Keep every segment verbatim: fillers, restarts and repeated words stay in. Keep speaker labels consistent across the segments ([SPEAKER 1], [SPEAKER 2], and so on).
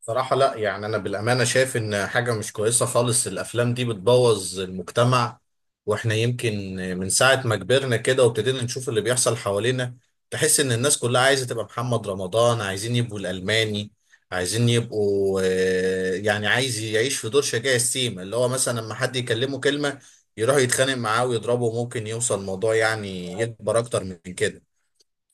[SPEAKER 1] صراحة، لا يعني أنا بالأمانة شايف إن حاجة مش كويسة خالص. الأفلام دي بتبوظ المجتمع. وإحنا يمكن من ساعة ما كبرنا كده وابتدينا نشوف اللي بيحصل حوالينا، تحس إن الناس كلها عايزة تبقى محمد رمضان، عايزين يبقوا الألماني، عايزين يبقوا آه، يعني عايز يعيش في دور شجاع السيما، اللي هو مثلا لما حد يكلمه كلمة يروح يتخانق معاه ويضربه، ممكن يوصل الموضوع يعني يكبر أكتر من كده.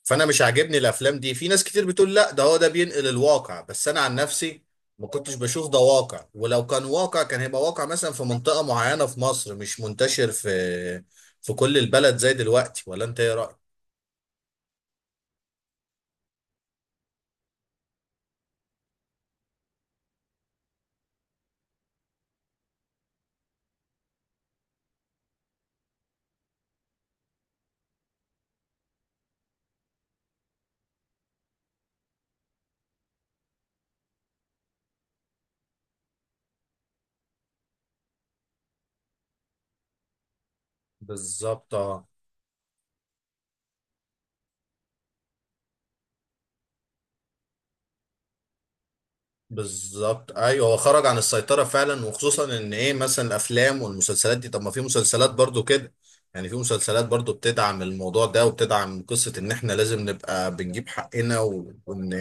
[SPEAKER 1] فانا مش عاجبني الافلام دي. في ناس كتير بتقول لا، ده هو ده بينقل الواقع، بس انا عن نفسي ما كنتش بشوف ده واقع، ولو كان واقع كان هيبقى واقع مثلا في منطقة معينة في مصر، مش منتشر في في كل البلد زي دلوقتي. ولا انت ايه رأيك؟ بالظبط. بالظبط، ايوه هو خرج عن السيطره فعلا. وخصوصا ان ايه مثلا الافلام والمسلسلات دي، طب ما في مسلسلات برضو كده، يعني في مسلسلات برضو بتدعم الموضوع ده وبتدعم قصه ان احنا لازم نبقى بنجيب حقنا و- وان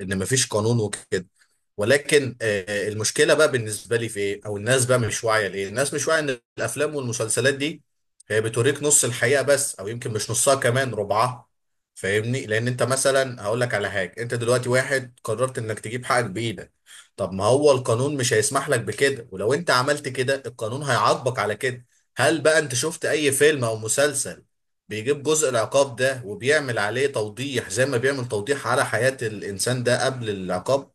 [SPEAKER 1] ان مفيش قانون وكده. ولكن آه، المشكله بقى بالنسبه لي في ايه، او الناس بقى مش واعيه لايه. الناس مش واعيه ان الافلام والمسلسلات دي هي بتوريك نص الحقيقه بس، او يمكن مش نصها، كمان ربعها. فاهمني، لان انت مثلا هقول لك على حاجه، انت دلوقتي واحد قررت انك تجيب حقك بايدك، طب ما هو القانون مش هيسمح لك بكده، ولو انت عملت كده القانون هيعاقبك على كده. هل بقى انت شفت اي فيلم او مسلسل بيجيب جزء العقاب ده وبيعمل عليه توضيح زي ما بيعمل توضيح على حياة الانسان ده قبل العقاب؟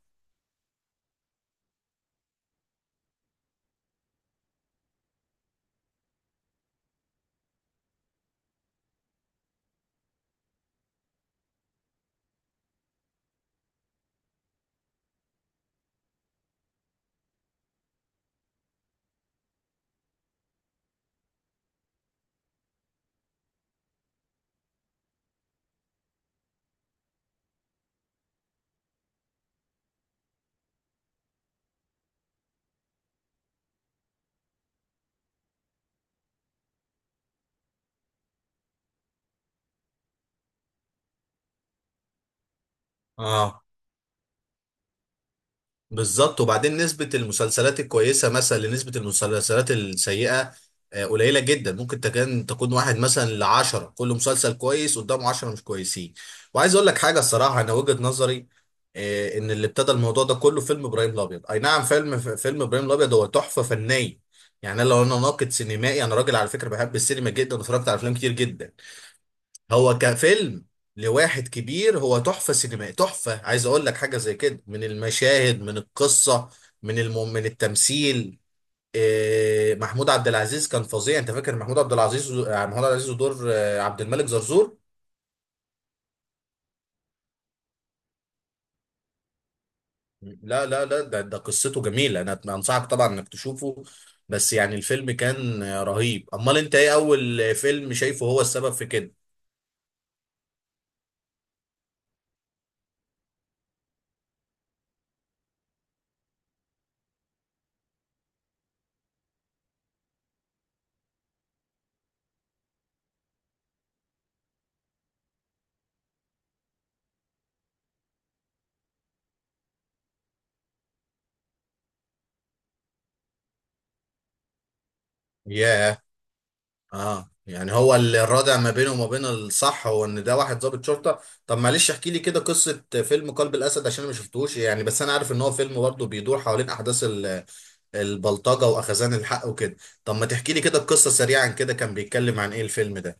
[SPEAKER 1] بالظبط. وبعدين نسبة المسلسلات الكويسة مثلا لنسبة المسلسلات السيئة آه، قليلة جدا. ممكن تكون تكون واحد مثلا لعشرة، كل مسلسل كويس قدامه عشرة مش كويسين. وعايز أقول لك حاجة الصراحة، أنا وجهة نظري آه، إن اللي ابتدى الموضوع ده كله فيلم إبراهيم الأبيض. أي نعم، فيلم فيلم إبراهيم الأبيض هو تحفة فنية. يعني أنا لو أنا ناقد سينمائي، أنا راجل على فكرة بحب السينما جدا واتفرجت على أفلام كتير جدا. هو كفيلم لواحد كبير هو تحفة سينمائية تحفة. عايز اقول لك حاجة زي كده، من المشاهد، من القصة، من الم... من التمثيل. آه، محمود عبد العزيز كان فظيع. انت فاكر محمود عبد العزيز؟ آه، محمود عبد العزيز، ودور آه، عبد الملك زرزور. لا لا لا، ده ده قصته جميلة، انا انصحك طبعا انك تشوفه. بس يعني الفيلم كان آه، رهيب. امال انت ايه اول فيلم شايفه هو السبب في كده؟ ياه. اه، يعني هو اللي الرادع ما بينه وما بين الصح هو ان ده واحد ضابط شرطه. طب معلش احكي لي كده قصه فيلم قلب الاسد عشان انا ما شفتوش، يعني بس انا عارف ان هو فيلم برضه بيدور حوالين احداث ال- البلطجه واخذان الحق وكده. طب ما تحكي لي كده القصه سريعا، كده كان بيتكلم عن ايه الفيلم ده؟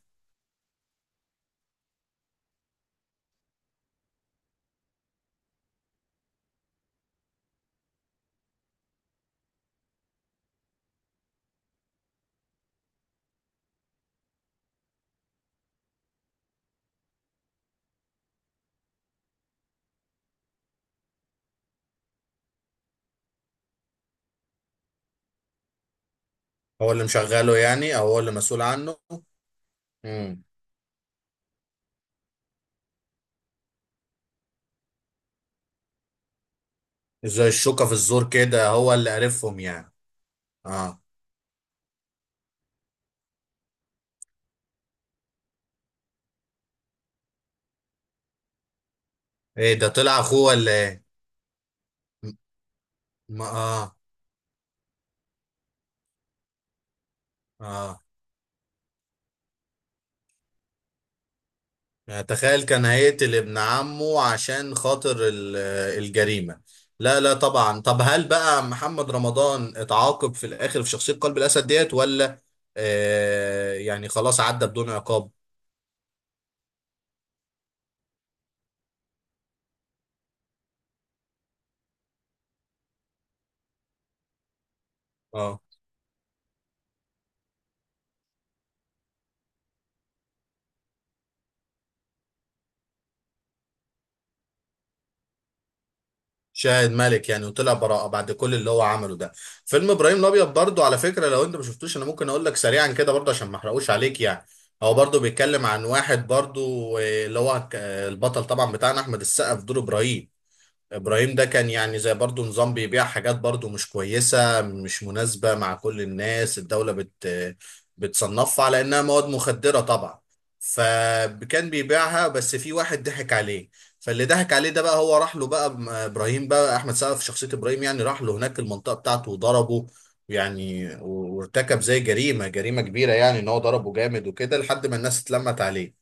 [SPEAKER 1] هو اللي مشغله يعني، او هو اللي مسؤول عنه؟ امم. زي الشوكه في الزور كده، هو اللي عرفهم يعني. اه، ايه ده، طلع اخوه ولا ايه؟ م- ما اه. اه، يعني تخيل كان هيقتل ابن عمه عشان خاطر ال- الجريمة. لا لا طبعا. طب هل بقى محمد رمضان اتعاقب في الآخر في شخصية قلب الأسد ديت ولا آه يعني خلاص عدى بدون عقاب؟ اه، شاهد مالك يعني، وطلع براءة بعد كل اللي هو عمله ده؟ فيلم إبراهيم الأبيض برضو على فكرة لو أنت ما شفتوش أنا ممكن أقول لك سريعا كده برضو عشان ما أحرقوش عليك يعني. هو برضو بيتكلم عن واحد برضو، آه، اللي هو ك- البطل طبعا بتاعنا أحمد السقا في دور إبراهيم. ابراهيم ده كان يعني زي برضو نظام بيبيع حاجات برضو مش كويسة، مش مناسبة مع كل الناس، الدولة بت بتصنفها على انها مواد مخدرة طبعا. فكان بيبيعها، بس في واحد ضحك عليه. فاللي ضحك عليه ده بقى هو راح له بقى، م- ابراهيم بقى احمد سقا في شخصية ابراهيم يعني، راح له هناك المنطقة بتاعته وضربه، يعني و- وارتكب زي جريمة جريمة كبيرة، يعني ان هو ضربه جامد وكده لحد ما الناس اتلمت عليه.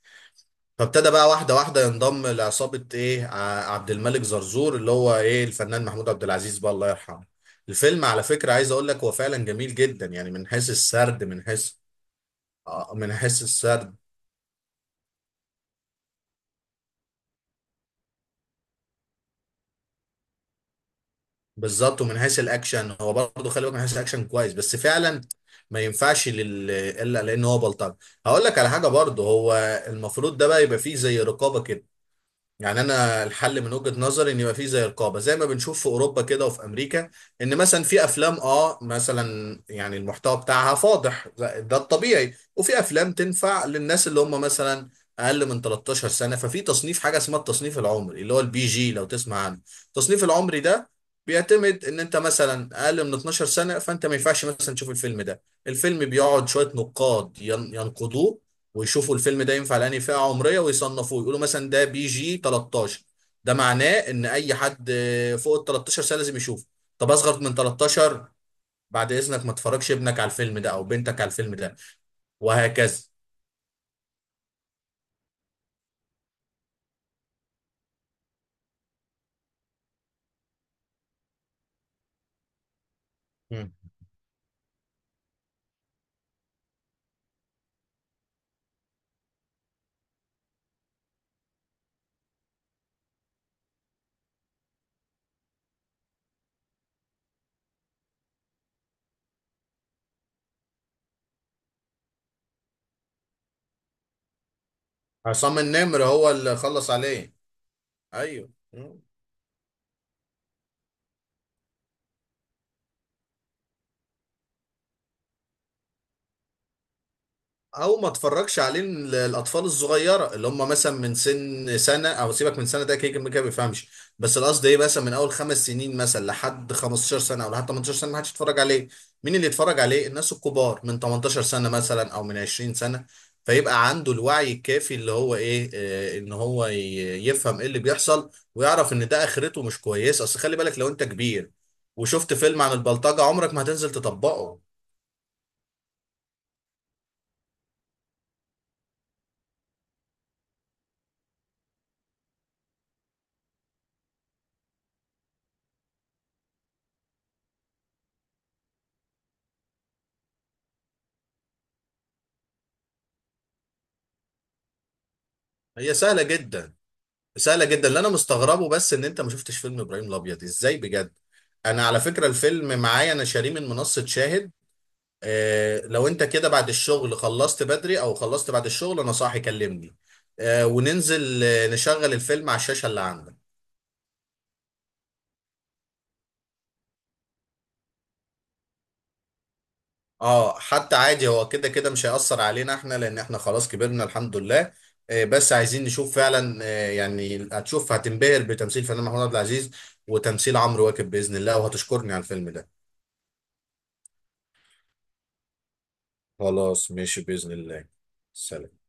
[SPEAKER 1] فابتدى بقى واحدة واحدة ينضم لعصابة ايه، ع- عبد الملك زرزور، اللي هو ايه الفنان محمود عبد العزيز بقى الله يرحمه. الفيلم على فكرة عايز اقول لك هو فعلا جميل جدا، يعني من حيث السرد، من حيث آه، من حيث السرد. بالظبط، ومن حيث الاكشن هو برضه، خلي بالك من حيث الاكشن كويس، بس فعلا ما ينفعش لل... الا لان هو بلطجي. هقول لك على حاجة برضه، هو المفروض ده بقى يبقى فيه زي رقابة كده. يعني انا الحل من وجهة نظري ان يبقى فيه زي رقابه زي ما بنشوف في اوروبا كده وفي امريكا. ان مثلا في افلام اه مثلا يعني المحتوى بتاعها فاضح، ده ده الطبيعي. وفي افلام تنفع للناس اللي هم مثلا اقل من ثلاثة عشر سنه. ففي تصنيف حاجه اسمها التصنيف العمري، اللي هو البي جي لو تسمع عنه. التصنيف العمري ده بيعتمد ان انت مثلا اقل من اتناشر سنه فانت ما ينفعش مثلا تشوف الفيلم ده. الفيلم بيقعد شويه نقاد ين- ينقدوه ويشوفوا الفيلم ده ينفع لأنهي فئة عمرية، ويصنفوه يقولوا مثلا ده بي جي تلاتاشر. ده معناه ان اي حد فوق ال تلاتاشر سنة لازم يشوفه. طب اصغر من تلاتاشر، بعد اذنك ما تفرجش ابنك على الفيلم ده او بنتك على الفيلم ده. وهكذا. مم. عصام النمر هو اللي خلص عليه. ايوه. مم. او ما اتفرجش عليه ال- الاطفال الصغيره، اللي هم مثلا من سن سنه، او سيبك من سنه ده كده كده كده ما بيفهمش. بس القصد ايه مثلا من اول خمس سنين مثلا لحد خمسة عشر سنه او لحد ثمانية عشر سنه ما حدش يتفرج عليه. مين اللي يتفرج عليه؟ الناس الكبار من تمنتاشر سنه مثلا، او من عشرين سنه، فيبقى عنده الوعي الكافي، اللي هو ايه آه، ان هو ي- يفهم ايه اللي بيحصل، ويعرف ان ده اخرته مش كويسه. اصل خلي بالك لو انت كبير وشفت فيلم عن البلطجه عمرك ما هتنزل تطبقه. هي سهله جدا، سهله جدا. اللي انا مستغربه بس ان انت ما شفتش فيلم ابراهيم الابيض ازاي بجد. انا على فكره الفيلم معايا، انا شاريه من منصه شاهد. آه لو انت كده بعد الشغل خلصت بدري، او خلصت بعد الشغل انا صاحي كلمني. آه وننزل آه، نشغل الفيلم على الشاشه اللي عندك. اه، حتى عادي، هو كده كده مش هيأثر علينا احنا، لان احنا خلاص كبرنا الحمد لله. آه، بس عايزين نشوف فعلا. آه يعني هتشوف هتنبهر بتمثيل فنان محمود عبد العزيز، وتمثيل عمرو واكد باذن الله، وهتشكرني على الفيلم ده. خلاص ماشي بإذن الله. سلام.